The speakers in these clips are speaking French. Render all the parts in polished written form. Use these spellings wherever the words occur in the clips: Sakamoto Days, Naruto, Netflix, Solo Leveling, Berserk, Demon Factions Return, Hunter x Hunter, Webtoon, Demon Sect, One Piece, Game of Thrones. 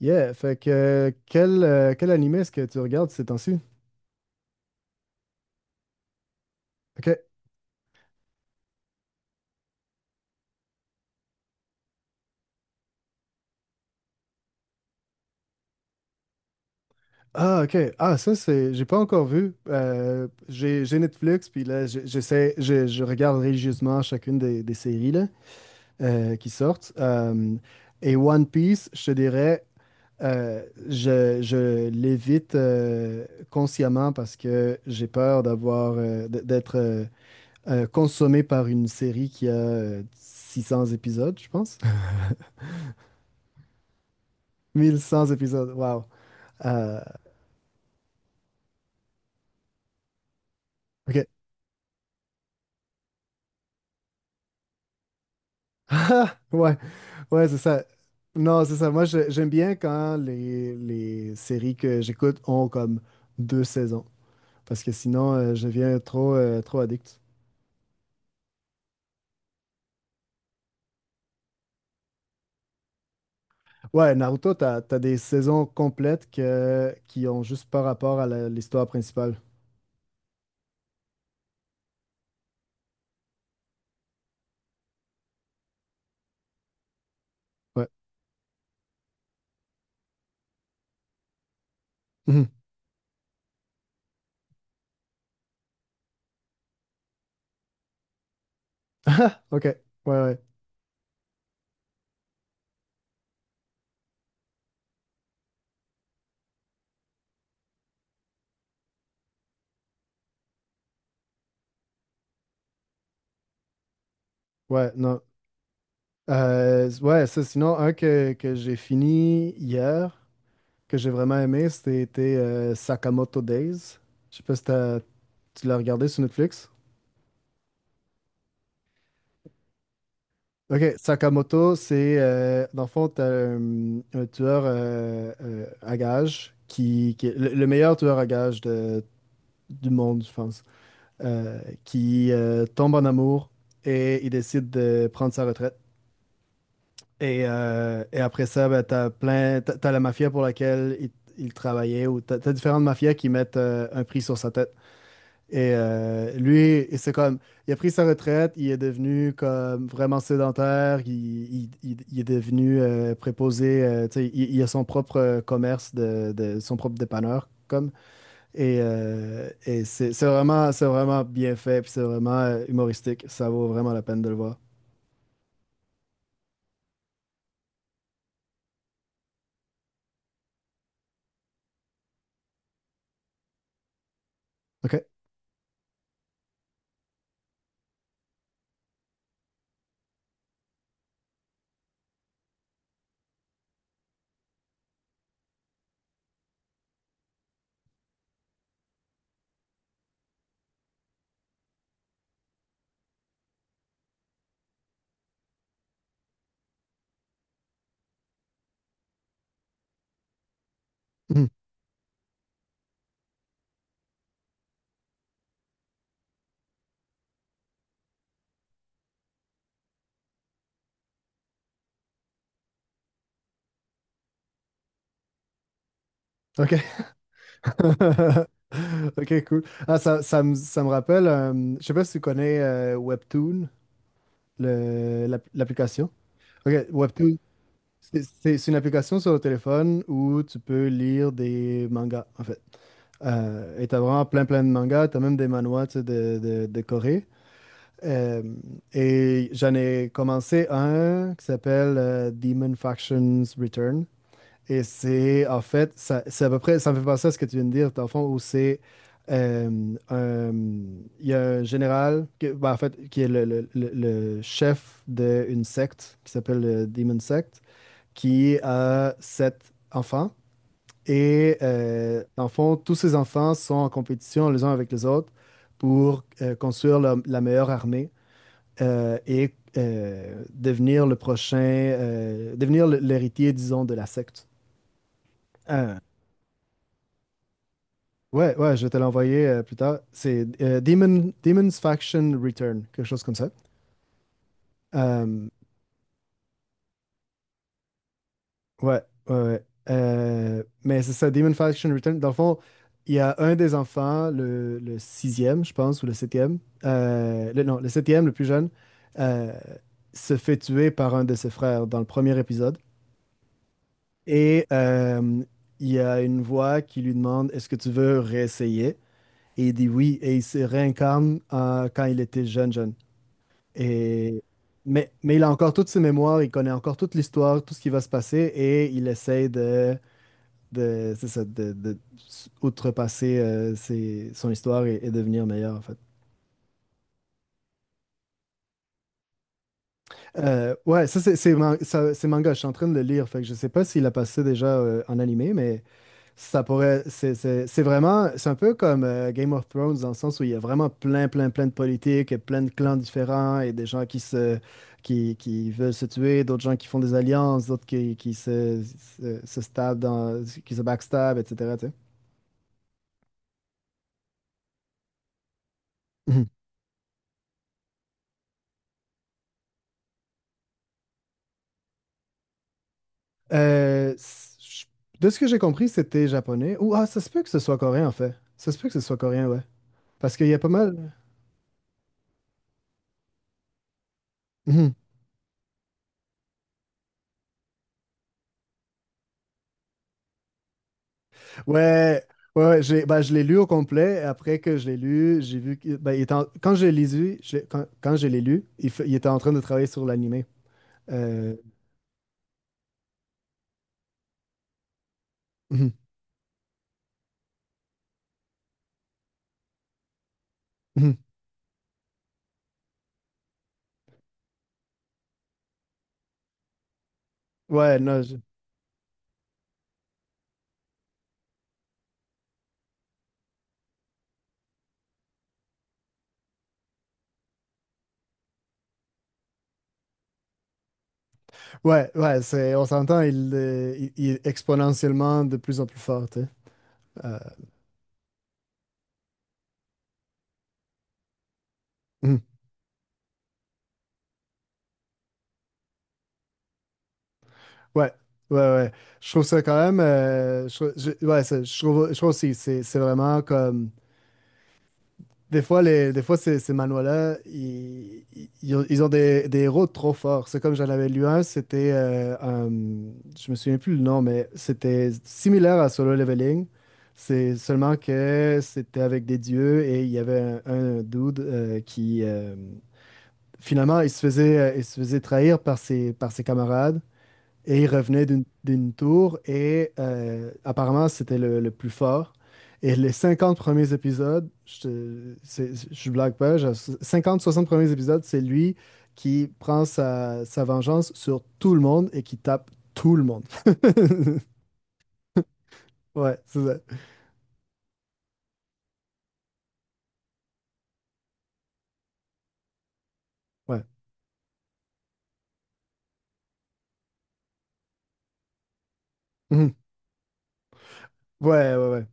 Yeah, fait que quel animé est-ce que tu regardes ces temps-ci? Ok. Ah, ok. Ah, ça, c'est. J'ai pas encore vu. J'ai Netflix, puis là, j'essaie. Je regarde religieusement chacune des séries là, qui sortent. Et One Piece, je te dirais, euh, je l'évite consciemment parce que j'ai peur d'avoir. D'être consommé par une série qui a 600 épisodes, je pense. Mille cent épisodes, wow. Euh, ok. ouais, ouais, c'est ça. Non, c'est ça. Moi, j'aime bien quand les séries que j'écoute ont comme deux saisons. Parce que sinon, je deviens trop addict. Ouais, Naruto, t'as des saisons complètes qui ont juste pas rapport à l'histoire principale. Ouais. Mhm. Ok. Ouais, ouais. Ouais, non. Ouais, ça, sinon, un que j'ai fini hier. Que j'ai vraiment aimé, c'était Sakamoto Days. Je sais pas si t'as- tu l'as regardé sur Netflix. Ok, Sakamoto, c'est dans le fond, un tueur à gages qui est le meilleur tueur à gages du monde, je pense, qui tombe en amour et il décide de prendre sa retraite. Et après ça, ben, t'as la mafia pour laquelle il travaillait ou t'as différentes mafias qui mettent un prix sur sa tête. Et lui, et c'est comme, il a pris sa retraite, il est devenu comme vraiment sédentaire, il est devenu préposé, tu sais, il a son propre commerce, son propre dépanneur, comme. Et c'est vraiment bien fait, puis c'est vraiment humoristique, ça vaut vraiment la peine de le voir. OK? Hmm. OK. OK, cool. Ah, ça me rappelle, je sais pas si tu connais Webtoon, l'application. OK, Webtoon. C'est une application sur le téléphone où tu peux lire des mangas, en fait. Et t'as vraiment plein de mangas. T'as même des manhwas, tu sais, de Corée. Euh, et j'en ai commencé un qui s'appelle Demon Factions Return. Et c'est, en fait, c'est à peu près, ça me fait penser à ce que tu viens de dire, dans le fond, où c'est euh, un- il y a un général, ben, en fait, qui est le chef d'une secte qui s'appelle le Demon Sect qui a sept enfants. Et dans le fond, tous ces enfants sont en compétition les uns avec les autres pour construire la meilleure armée et devenir le prochain, l'héritier, disons, de la secte. Euh, ouais, ouais, je vais te l'envoyer plus tard. C'est Demon's Faction Return, quelque chose comme ça. Euh, Ouais, ouais, ouais. Mais c'est ça, Demon Faction Return. Dans le fond, il y a un des enfants, le sixième, je pense, ou le septième, le, non, le septième, le plus jeune, euh, se fait tuer par un de ses frères dans le premier épisode. Et il y a une voix qui lui demande, est-ce que tu veux réessayer? Et il dit oui, et il se réincarne quand il était jeune, jeune. Et... mais il a encore toutes ses mémoires, il connaît encore toute l'histoire, tout ce qui va se passer, et il essaye c'est ça, de outrepasser son histoire et devenir meilleur, en fait. Ouais, ça, c'est manga. Je suis en train de le lire. Fait que je sais pas s'il a passé déjà en animé, mais ça pourrait. C'est vraiment. C'est un peu comme Game of Thrones dans le sens où il y a vraiment plein de politiques, et plein de clans différents et des gens qui se. Qui veulent se tuer, d'autres gens qui font des alliances, d'autres se stab dans, qui se backstab, etc. Tu sais. Euh, je- de ce que j'ai compris, c'était japonais. Ou ah, ça se peut que ce soit coréen en fait. Ça se peut que ce soit coréen, ouais. Parce qu'il y a pas mal. Mhm. Ouais, ouais, ouais, ben, je l'ai lu au complet. Après que je l'ai lu, j'ai vu que ben, il était quand je l'ai lu, quand je l'ai lu, il était en train de travailler sur l'animé. Euh, mhm, mhm. Ouais, non, je- Ouais, ouais, c'est, on s'entend, il est exponentiellement de plus en plus fort, tu sais. Euh, mhm. Ouais, ouais, ouais. Je trouve ça quand même. Ouais, je trouve aussi, c'est vraiment comme. Des fois, les, des fois ces, ces manuels-là, ils ont des héros trop forts. C'est comme j'en avais lu un, c'était. Je me souviens plus le nom, mais c'était similaire à Solo Leveling. C'est seulement que c'était avec des dieux et il y avait un dude qui. Finalement, il se faisait trahir par par ses camarades. Et il revenait d'une tour et apparemment c'était le plus fort. Et les 50 premiers épisodes, je blague pas, genre 50-60 premiers épisodes, c'est lui qui prend sa vengeance sur tout le monde et qui tape tout le monde. Ouais, c'est ça. Ouais. Mhm. Ouais, ouais, ouais.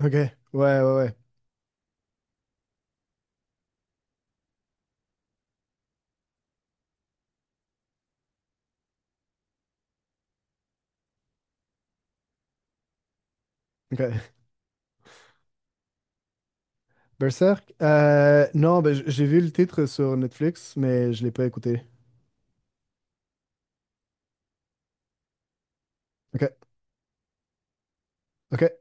Ok. Ouais, ouais, ouais. Ok. Berserk? Non, ben, j'ai vu le titre sur Netflix, mais je l'ai pas écouté. Ok. Ok.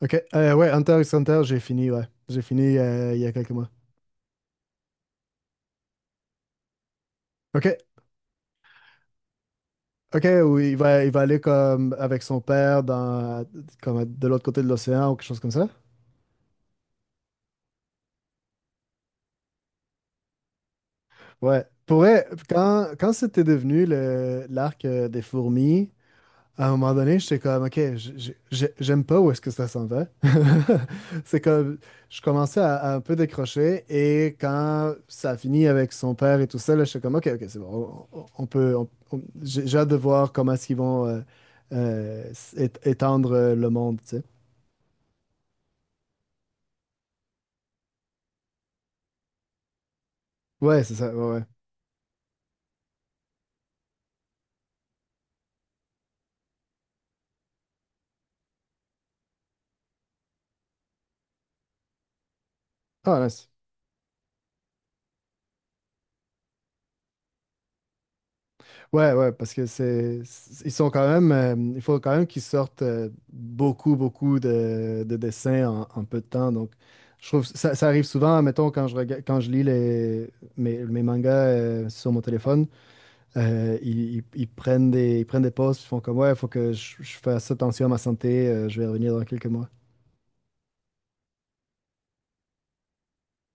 Ok. Ouais, Hunter x Hunter, j'ai fini, ouais. J'ai fini il y a quelques mois. Ok. Ok, où il va aller comme avec son père dans, comme de l'autre côté de l'océan ou quelque chose comme ça. Ouais. Pour vrai, quand c'était devenu l'arc des fourmis, à un moment donné, j'étais comme, OK, j'aime pas où est-ce que ça s'en va. C'est comme, je commençais à un peu décrocher et quand ça a fini avec son père et tout ça, là, j'étais comme, OK, OK, c'est bon, on peut, on- j'ai hâte de voir comment est-ce qu'ils vont étendre le monde, tu sais. Ouais, c'est ça, ouais, ouais. Ah, nice. Ouais, ouais, parce que ils sont quand même, il faut quand même qu'ils sortent beaucoup de dessins en, en peu de temps. Donc, je trouve que ça arrive souvent, mettons, quand quand je lis mes mangas sur mon téléphone, ils prennent des pauses, ils font comme, ouais, il faut que je fasse attention à ma santé, je vais revenir dans quelques mois.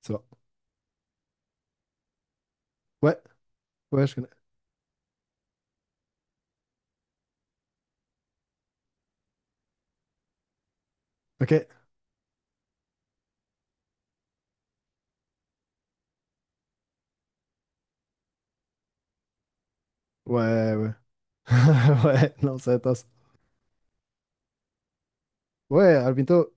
C'est bon. Ouais, ouais, je connais. OK. Ouais, ouais. Ouais, non, c'est intense. Ouais, à bientôt